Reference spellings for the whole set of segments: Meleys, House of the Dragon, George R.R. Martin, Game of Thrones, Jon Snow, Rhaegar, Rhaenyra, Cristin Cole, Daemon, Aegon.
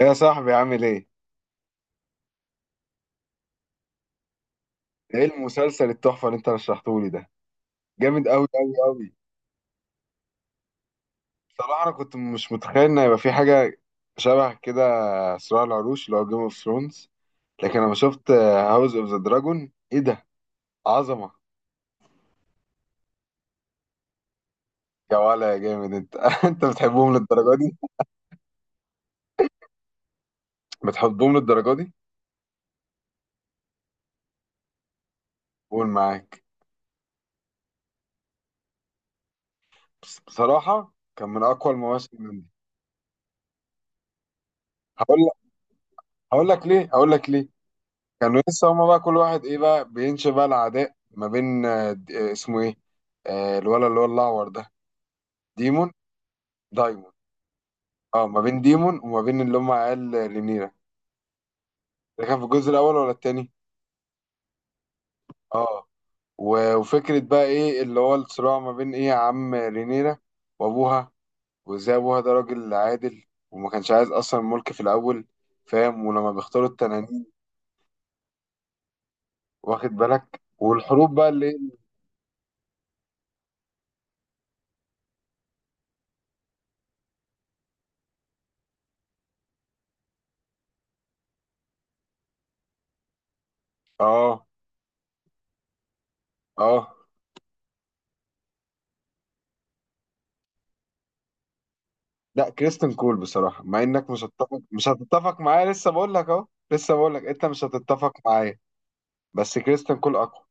يا صاحبي عامل ايه؟ ايه المسلسل التحفة اللي انت رشحته لي ده؟ جامد قوي قوي قوي. بصراحة انا كنت مش متخيل ان هيبقى في حاجة شبه كده، صراع العروش اللي هو جيم اوف ثرونز، لكن لما شفت هاوس اوف ذا دراجون ايه ده؟ عظمة. يا ولا يا جامد انت انت بتحبهم للدرجة دي؟ بتحبهم للدرجة دي؟ قول معاك. بصراحة كان من اقوى المواسم عندي. هقول لك هقول لك ليه؟ هقول لك ليه؟ كانوا لسه هما بقى كل واحد ايه بقى بينشئ بقى العداء ما بين اسمه ايه، الولد اللي هو الاعور ده، ديمون، دايمون. اه، ما بين ديمون وما بين اللي هم عيال رينيرا. ده كان في الجزء الاول ولا التاني؟ اه. و- وفكره بقى ايه اللي هو الصراع ما بين ايه عم رينيرا وابوها، وازاي ابوها ده راجل عادل وما كانش عايز اصلا الملك في الاول، فاهم؟ ولما بيختاروا التنانين واخد بالك، والحروب بقى اللي... اه، اه. لا، كريستن كول بصراحة، مع انك مش هتتفق معايا، لسه بقول لك اهو، لسه بقول لك انت مش هتتفق معايا. بس كريستن كول اقوى.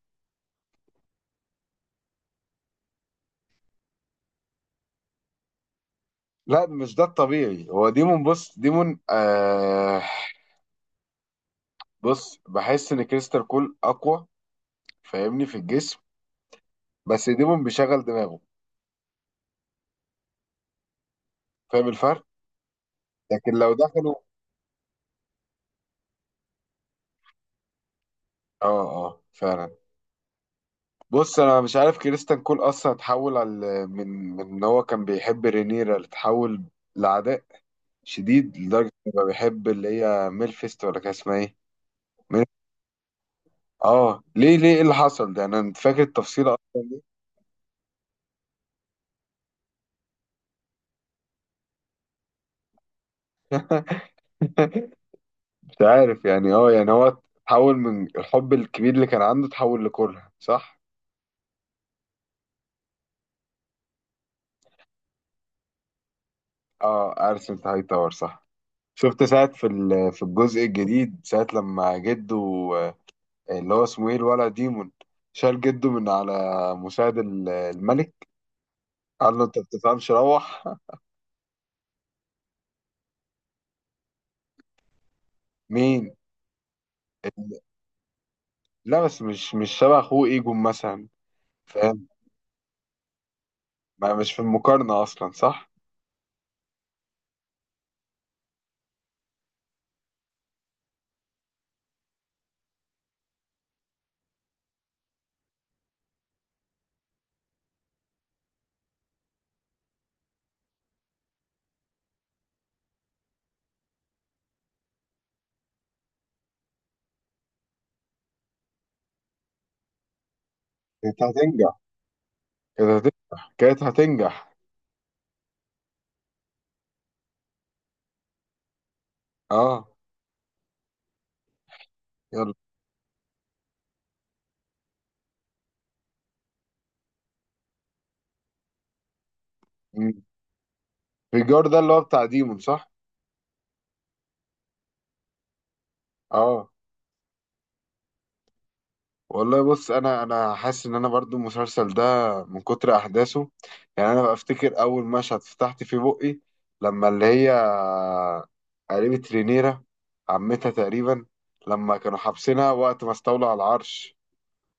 لا مش ده الطبيعي، هو ديمون، بص ديمون بص، بحس ان كريستن كول اقوى، فاهمني؟ في الجسم. بس ديمون بيشغل دماغه، فاهم الفرق؟ لكن لو دخلوا... اه، اه فعلا. بص انا مش عارف كريستن كول اصلا اتحول على، من من ان هو كان بيحب رينيرا، اتحول لعداء شديد لدرجة إني بقى بحب اللي هي ميلفيست ولا كان اسمها إيه؟ ميل- آه، ليه، إيه اللي حصل ده؟ أنا فاكر التفصيلة أصلا ليه؟ مش عارف يعني يعني هو تحول من الحب الكبير اللي كان عنده، تحول لكره، صح؟ آه أرسنال هاي تاور، صح. شفت ساعة في في الجزء الجديد، ساعة لما جده، آه، اللي هو اسمه إيه، الولد ديمون، شال جده من على مساعد الملك. قال له أنت ما بتفهمش، روح. مين؟ لا بس مش شبه اخوه ايجون مثلا. فاهم. ما مش في المقارنة أصلا، صح؟ كانت هتنجح، كانت هتنجح، كانت هتنجح. اه. يلا. مم. ريجار ده اللي هو بتاع ديمون، صح؟ اه. والله بص، انا حاسس ان انا برضو المسلسل ده من كتر احداثه، يعني انا بفتكر اول مشهد فتحت فيه بقي، لما اللي هي قريبة رينيرا، عمتها تقريبا، لما كانوا حابسينها وقت ما استولوا على العرش،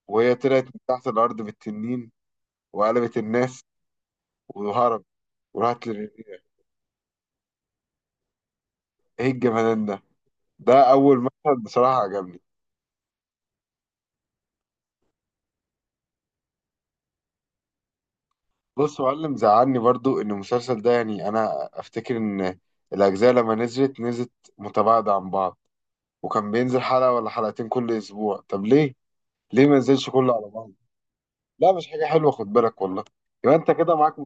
وهي طلعت من تحت الارض بالتنين وقلبت الناس وهرب، وراحت لرينيرا. ايه الجمدان ده، ده اول مشهد بصراحه عجبني. بص يا معلم، زعلني برضو ان المسلسل ده، يعني انا افتكر ان الاجزاء لما نزلت نزلت متباعده عن بعض، وكان بينزل حلقه ولا حلقتين كل اسبوع. طب ليه، ما نزلش كله على بعض؟ لا مش حاجه حلوه، خد بالك والله، يبقى انت كده معاك.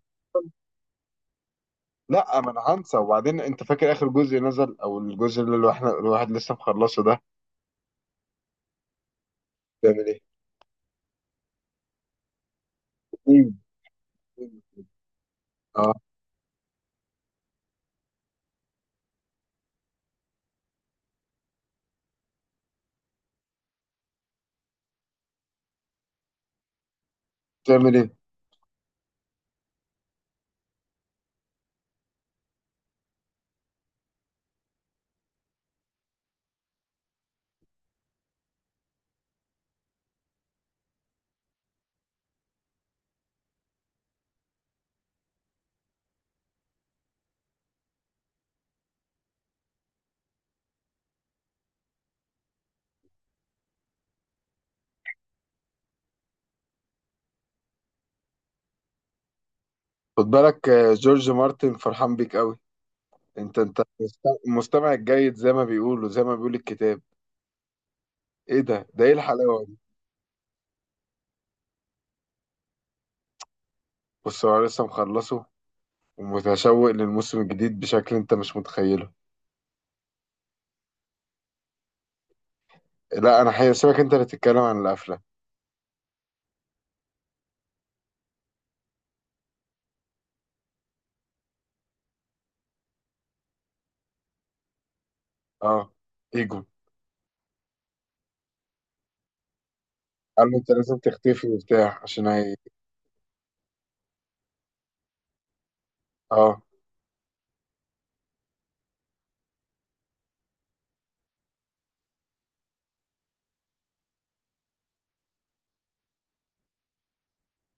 لا، ما انا هنسى، وبعدين انت فاكر اخر جزء نزل، او الجزء اللي الواحد لسه مخلصه ده. بتعمل ايه؟ إيه؟ اه. بتعمل ايه؟ خد بالك جورج مارتن فرحان بيك قوي، انت مستمع الجيد زي ما بيقولوا، زي ما بيقول الكتاب. ايه ده ايه الحلاوه دي. بص، هو أنا لسه مخلصه، ومتشوق للموسم الجديد بشكل انت مش متخيله. لا انا هسيبك انت اللي تتكلم عن القفله. اه. ايجو. قال له انت لازم تختفي وبتاع، عشان هي... اه.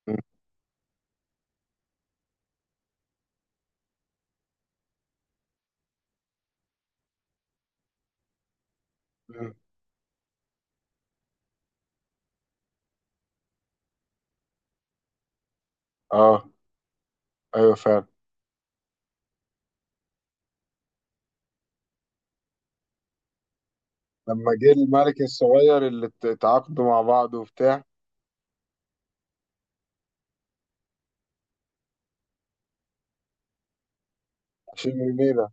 م- م- اه ايوه فعلا. لما جه الملك الصغير، اللي اتعاقدوا مع بعض وبتاع. عشان رينيرا.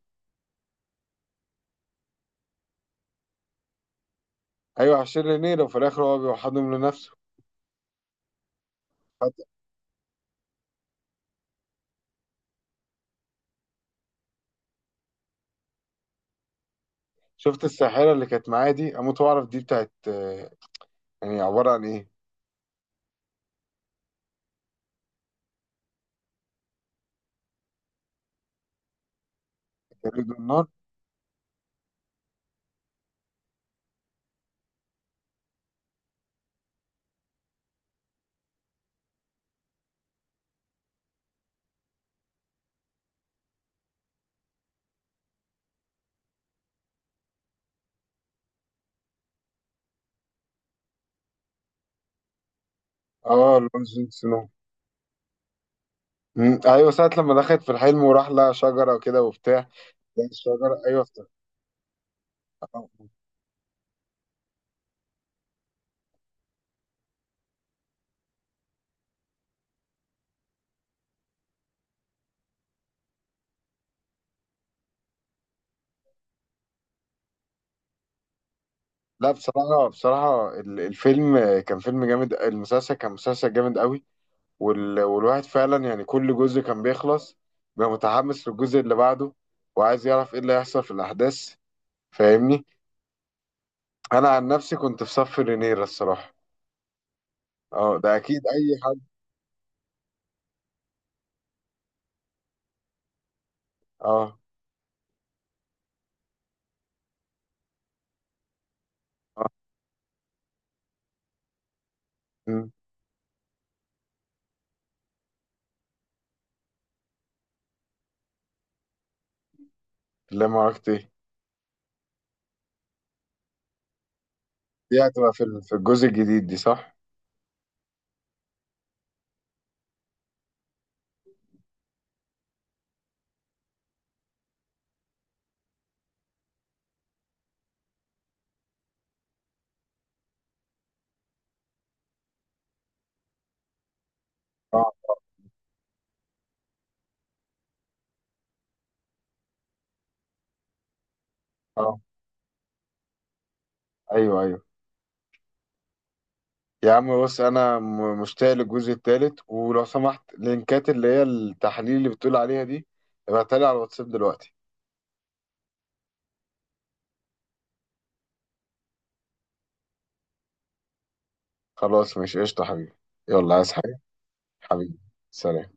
ايوح عشان رينيرا، وفي الاخر هو بيوحدهم لنفسه. شفت الساحرة اللي كانت معايا دي، أموت وأعرف دي بتاعت يعني عبارة عن إيه؟ جليد والنار؟ آه لورد جون سنو. مم. أيوة ساعة لما دخلت في الحلم، وراح لها شجرة وكده وبتاع، لقى الشجرة، أيوة افتكرت. آه. لا بصراحة، الفيلم كان فيلم جامد، المسلسل كان مسلسل جامد قوي. والواحد فعلا يعني كل جزء كان بيخلص، بقى متحمس للجزء اللي بعده، وعايز يعرف إيه اللي هيحصل في الأحداث، فاهمني؟ أنا عن نفسي كنت في صف رينيرا الصراحة. أه ده أكيد أي حد. أه. أه. مم. لا ما عرفت إيه. دي هتبقى في في الجزء الجديد دي، صح؟ اه. اه ايوه، ايوه. يا عم بص انا مشتاق للجزء التالت، ولو سمحت لينكات اللي هي التحاليل اللي بتقول عليها دي، ابعتها لي على الواتساب دلوقتي. خلاص ماشي، قشطة حبيبي. يلا عايز حاجة. حبيبي. سلام.